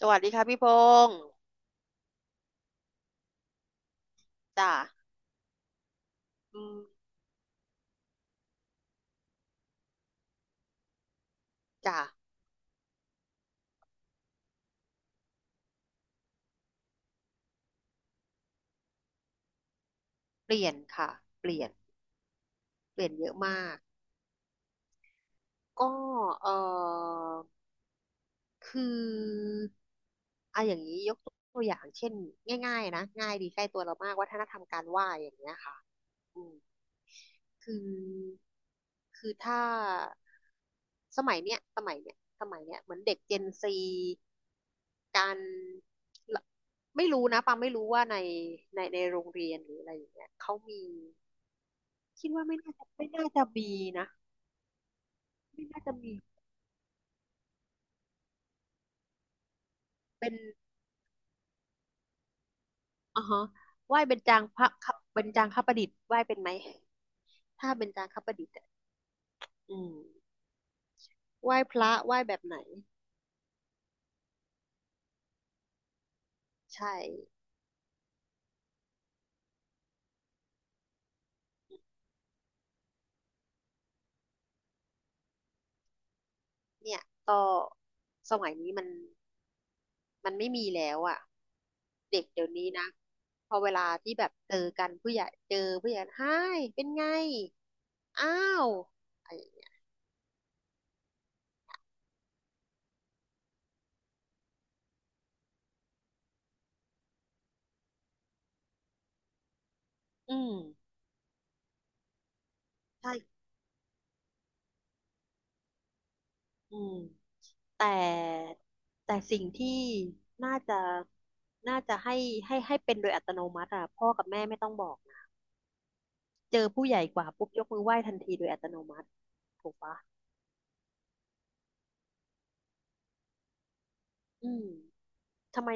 สวัสดีค่ะพี่พงศ์จ้าอืมจ้าเปลี่ยนค่ะเปลี่ยนเปลี่ยนเยอะมากก็เออคืออย่างนี้ยกตัวอย่างเช่นง่ายๆนะง่ายดีใกล้ตัวเรามากวัฒนธรรมการไหว้อย่างเงี้ยค่ะอืมคือคือถ้าสมัยเนี้ยเหมือนเด็กเจนซีการละไม่รู้นะปังไม่รู้ว่าในในโรงเรียนหรืออะไรอย่างเงี้ยเขามี คิดว่าไม่น่าจะมีนะไม่น่าจะมีเป็นอ๋อฮะไหว้เบญจางพระครับเบญจางคประดิษฐ์ไหว้เป็นไหมถ้าเบญจางคประดิษฐ์อะอืมไหว้พระไหว้แบบไหนใช่เนี่ยก็สมัยนี้มันไม่มีแล้วอ่ะเด็กเดี๋ยวนี้นะพอเวลาที่แบบเจอกันผู้ใหญ่เจอผู้ใหญ่ไฮเป็นไงอ้าวอะไรอย่างเงี้ยอืมใช่อืม แต่แต่สิ่งที่น่าจะน่าจะให้ให้เป็นโดยอัตโนมัติอ่ะพ่อกับแม่ไม่ต้องบอกนะเจอผู้ใหญ่กว่าปุ๊บยกมือไหว้ทันทีโดยอัตโนมัติถูกปะอืมทำไม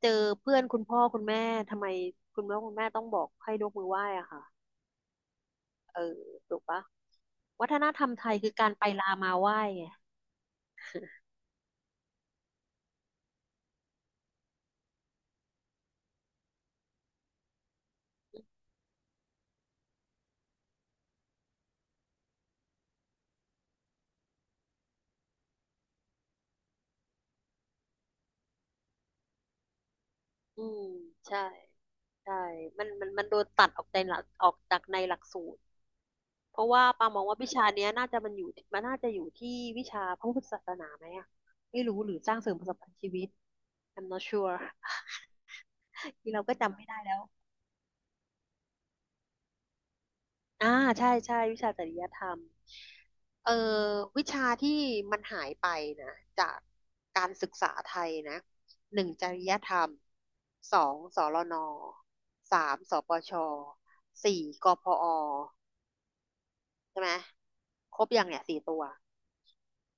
เจอเพื่อนคุณพ่อคุณแม่ทำไมคุณพ่อคุณแม่ต้องบอกให้ยกมือไหว้อ่ะค่ะเออถูกปะวัฒนธรรมไทยคือการไปลามาไหว้ไงอืมใช่ใช่มันมันโดนตัดออกใจหลักออกจากในหลักสูตร เพราะว่าปามองว่าวิชาเนี้ยน่าจะมันอยู่มันน่าจะอยู่ที่วิชาพระพุทธศาสนาไหมอะไม่รู้หรือสร้างเสริมประสบการณ์ชีวิต I'm not sure ที่เราก็จำไม่ได้แล้วอ่าใช่ใช่วิชาจริยธรรมเออวิชาที่มันหายไปนะจากการศึกษาไทยนะหนึ่งจริยธรรมสองสรนสามสปชสี่กพอใช่ไหมครบยังเนี่ยสี่ตัว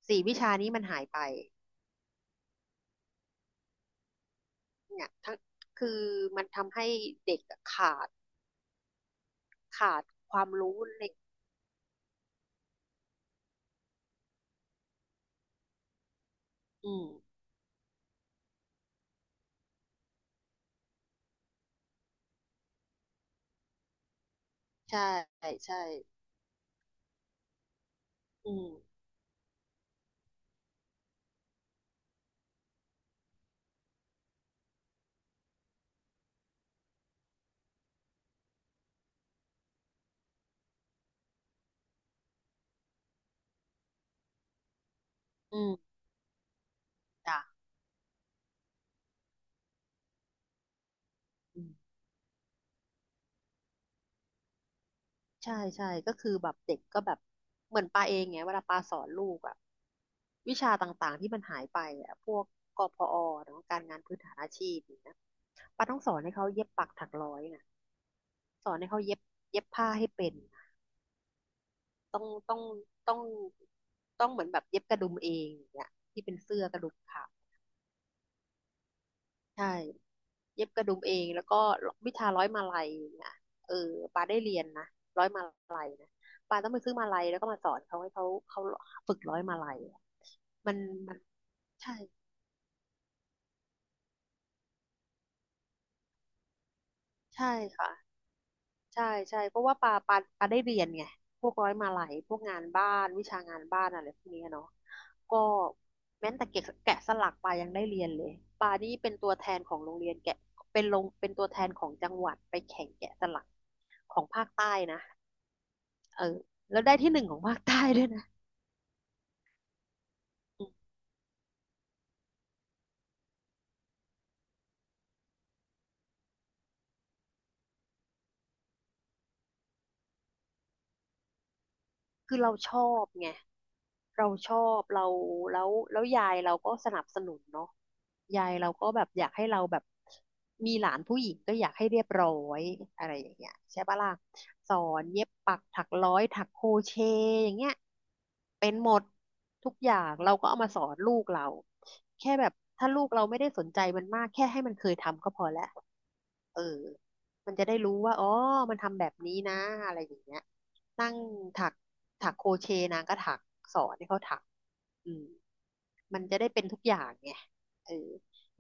สี่วิชานี้มันหายไป เนี่ยทั้งคือมันทำให้เด็กอะขาดความรู้เลยอืมใช่ใช่อืมอืมจ้ะอืมใช่ใช่ก็คือแบบเด็กก็แบบเหมือนปาเองไงเวลาปาสอนลูกอะวิชาต่างๆที่มันหายไปอะพวกกพอเนาะการงานพื้นฐานอาชีพอย่างเงี้ยปาต้องสอนให้เขาเย็บปักถักร้อยนะสอนให้เขาเย็บผ้าให้เป็นต้องต้องต้องต้องเหมือนแบบเย็บกระดุมเองอย่างเงี้ยที่เป็นเสื้อกระดุมขาว ใช่เย็บกระดุมเองแล้วก็วิชาร้อยมาลัยเนี่ยเออปาได้เรียนนะร้อยมาลัยนะปาต้องไปซื้อมาลัยแล้วก็มาสอนเขาให้เขาฝึกร้อยมาลัยอะมันมันใช่ใช่ค่ะใช่ใช่เพราะว่าปาได้เรียนไงพวกร้อยมาลัยพวกงานบ้านวิชางานบ้านอะไรพวกเนี้ยเนาะก็แม้แต่แกะสลักปายังได้เรียนเลยปานี่เป็นตัวแทนของโรงเรียนแกะเป็นลงเป็นตัวแทนของจังหวัดไปแข่งแกะสลักของภาคใต้นะ เออแล้วได้ที่หนึ่งของภาคใต้ด้วยนะอื คือเราชอบไงเราชอบเราแล้วยายเราก็สนับสนุนเนาะยายเราก็แบบอยากให้เราแบบมีหลานผู้หญิงก็อยากให้เรียบร้อยอะไรอย่างเงี้ยใช่ปะล่ะสอนเย็บปักถักร้อยถักโครเชต์อย่างเงี้ยเป็นหมดทุกอย่างเราก็เอามาสอนลูกเราแค่แบบถ้าลูกเราไม่ได้สนใจมันมากแค่ให้มันเคยทำก็พอแล้วเออมันจะได้รู้ว่าอ๋อมันทำแบบนี้นะอะไรอย่างเงี้ย นั่งถักถักโครเชต์นางก็ถักสอนให้เขาถักอืมมันจะได้เป็นทุกอย่างไงเออ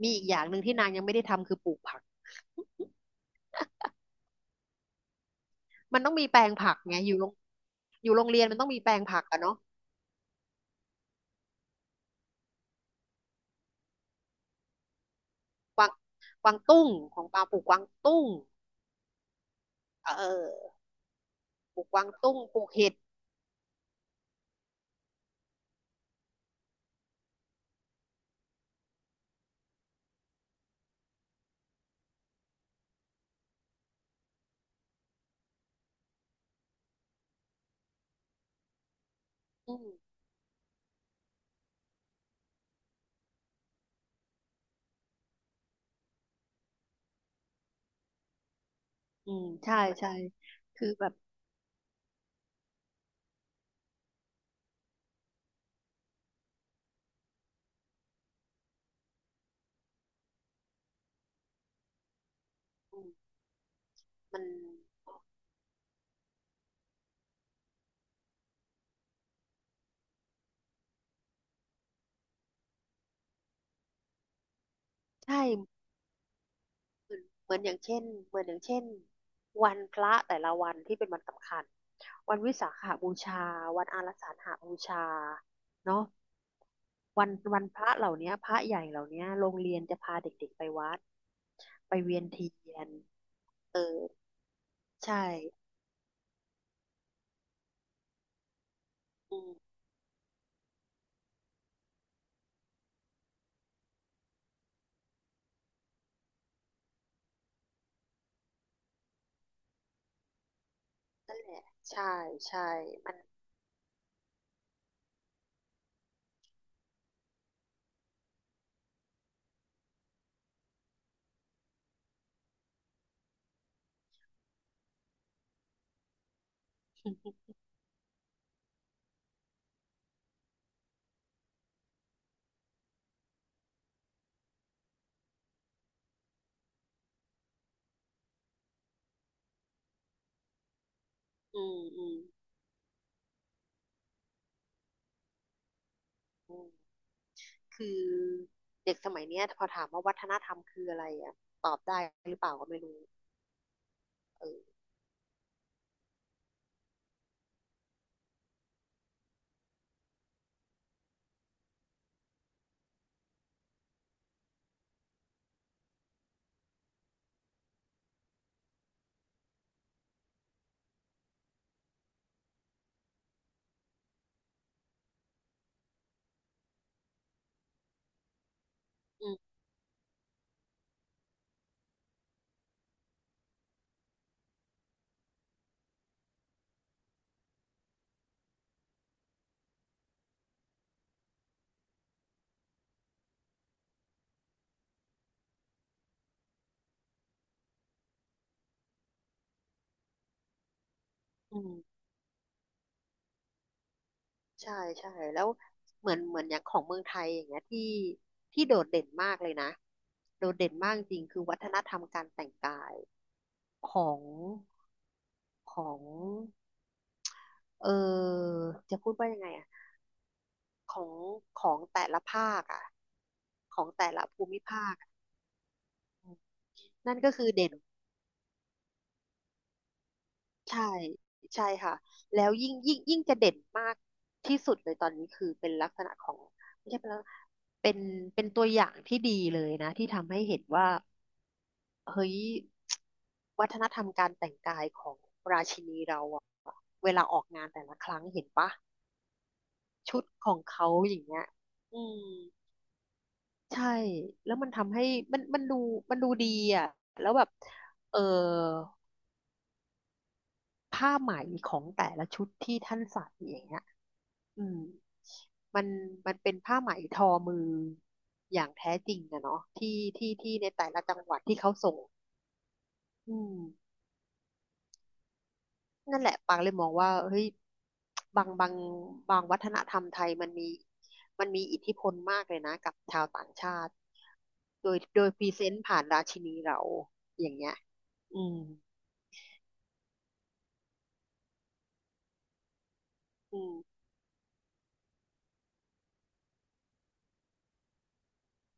มีอีกอย่างหนึ่งที่นางยังไม่ได้ทำคือปลูกผักมันต้องมีแปลงผักไงอยู่โรงอยู่โรงเรียนมันต้องมีแปลงผักอะเนาะกวางกวางตุ้งของปาปลูกกวางตุ้งเออปลูกกวางตุ้งปลูกเห็ดอืมอืมใช่ใช่คือแบบอืมมันใช่ เหมือนเหมือนอย่างเช่นเหมือนอย่างเช่นวันพระแต่ละวันที่เป็นวันสำคัญวันวิสาขบูชาวันอารัสาฬหบูชาเนาะวันวันพระเหล่าเนี้ยพระใหญ่เหล่าเนี้ยโรงเรียนจะพาเด็กๆไปวัดไปเวียนเทียนเออใช่อืมนั่นแหละใช่ใช่มันอืมอืมอืมคือเด็กสมัยเนี้ยพอถามว่าวัฒนธรรมคืออะไรอ่ะตอบได้หรือเปล่าก็ไม่รู้เอออืมอืม ใช่ใช่แล้วเหมือนอย่างของเมืองไทยอย่างเงี้ยที่โดดเด่นมากเลยนะโดดเด่นมากจริงคือวัฒนธรรมการแต่งกายของของเออจะพูดว่ายังไงอ่ะของของแต่ละภาคอ่ะของแต่ละภูมิภาคอะอืมนั่นก็คือเด่นใช่ใช่ค่ะแล้วยิ่งจะเด่นมากที่สุดเลยตอนนี้คือเป็นลักษณะของไม่ใช่เป็นลักษณะเป็นเป็นตัวอย่างที่ดีเลยนะที่ทำให้เห็นว่า เฮ้ย วัฒนธรรมการแต่งกายของราชินีเราอะเวลาออกงานแต่ละครั้งเห็นปะชุดของเขาอย่างเงี้ยอืมใช่แล้วมันทำให้มันดูมันดูดีอะแล้วแบบเออผ้าไหมของแต่ละชุดที่ท่านใส่อย่างเงี้ยอืมมันมันเป็นผ้าไหมทอมืออย่างแท้จริงอะเนาะที่ที่ในแต่ละจังหวัดที่เขาส่งอืม นั่นแหละปางเลยมองว่าเฮ้ยบางบางบางวัฒนธรรมไทยมันมีมันมีอิทธิพลมากเลยนะกับชาวต่างชาติโดยพรีเซนต์ผ่านราชินีเราอย่างเงี้ยอืมอืม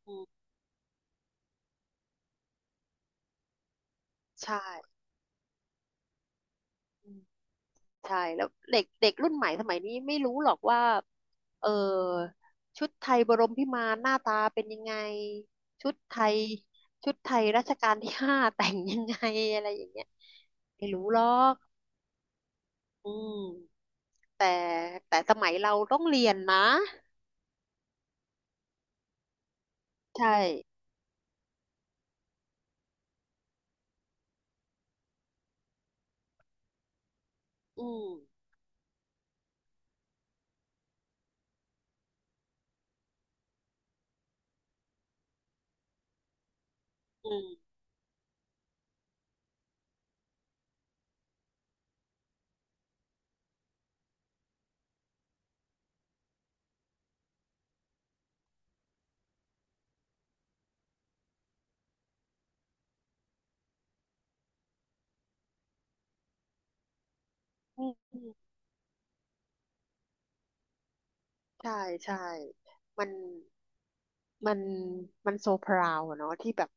อืมใช่อืมใช่แล้วเด็กเด็กรุ่นใหม่สมัยนี้ไม่รู้หรอกว่าเออชุดไทยบรมพิมานหน้าตาเป็นยังไงชุดไทยชุดไทยรัชกาลที่ห้า แต่งยังไงอะไรอย่างเงี้ยไม่รู้หรอกอืม แต่แต่สมัยเราต้องเรียนนะใช่อืมอืมอืมอืมใช่ใช่มันมันมันโซพราวอะเนาะที่แบบ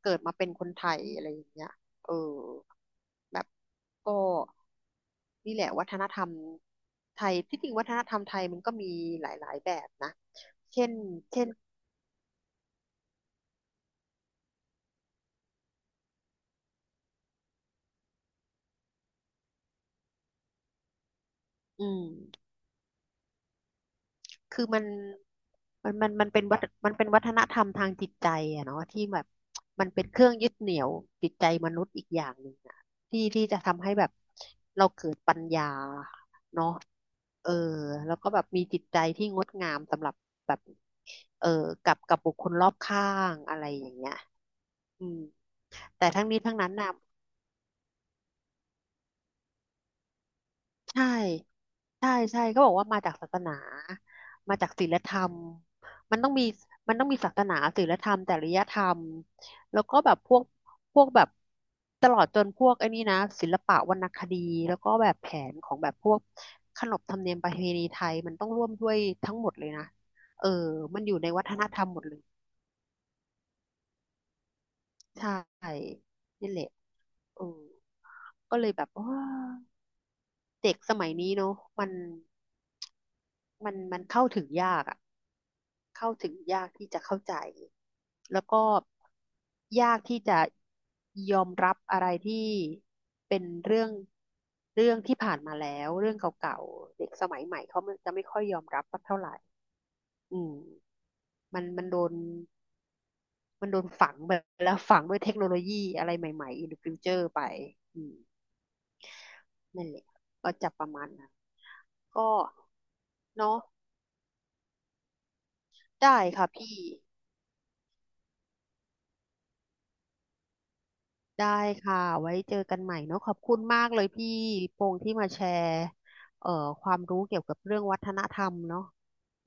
เกิดมาเป็นคนไทยอะไรอย่างเงี้ยเออแบบก็นี่แหละวัฒนธรรมไทยที่จริงวัฒนธรรมไทยมันก็มีหลายๆแบบนะเช่นเช่นอืมคือมัน มันเป็นวัฒนธรรมทางจิตใจอะเนาะที่แบบมันเป็นเครื่องยึดเหนี่ยวจิตใจมนุษย์อีกอย่างหนึ่งอะที่จะทำให้แบบเราเกิดปัญญาเนาะเออแล้วก็แบบมีจิตใจที่งดงามสำหรับแบบเออกับบุคคลรอบข้างอะไรอย่างเงี้ยอืมแต่ทั้งนี้ทั้งนั้นนะ ใช่ใช่ใช่ก็บอกว่ามาจากศาสนามาจากศีลธรรม มันต้องมี มันต้องมีศาสนาศีลธรรมจริยธรรมแล้วก็แบบพวกแบบตลอดจนพวกไอ้นี่นะศิลปะวรรณคดีแล้วก็แบบแผนของแบบพวกขนบธรรมเนียมประเพณีไทยมันต้องร่วมด้วยทั้งหมดเลยนะเออมันใช่นี่แหละเออก็เลยแบบว่าเด็กสมัยนี้เนอะมันมันเข้าถึงยากอะ เข้าถึงยากที่จะเข้าใจแล้วก็ยากที่จะยอมรับอะไรที่เป็นเรื่องที่ผ่านมาแล้วเรื่องเก่าๆเด็กสมัยใหม่เขาจะไม่ค่อยยอมรับสักเท่าไหร่อืมมันมันโดนฝังไปแล้วฝังด้วยเทคโนโลยีอะไรใหม่ๆ in the future ไปอืมนั่นแหละก็จะประมาณนั้นก็เนาะได้ค่ะพี่ ได้ค่ะ ไว้เจอกันใหม่เนอะขอบคุณมากเลยพี่พงษ์ที่มาแชร์เอ่อความรู้เกี่ยวกับเรื่องวัฒนธรรมเนอะอืม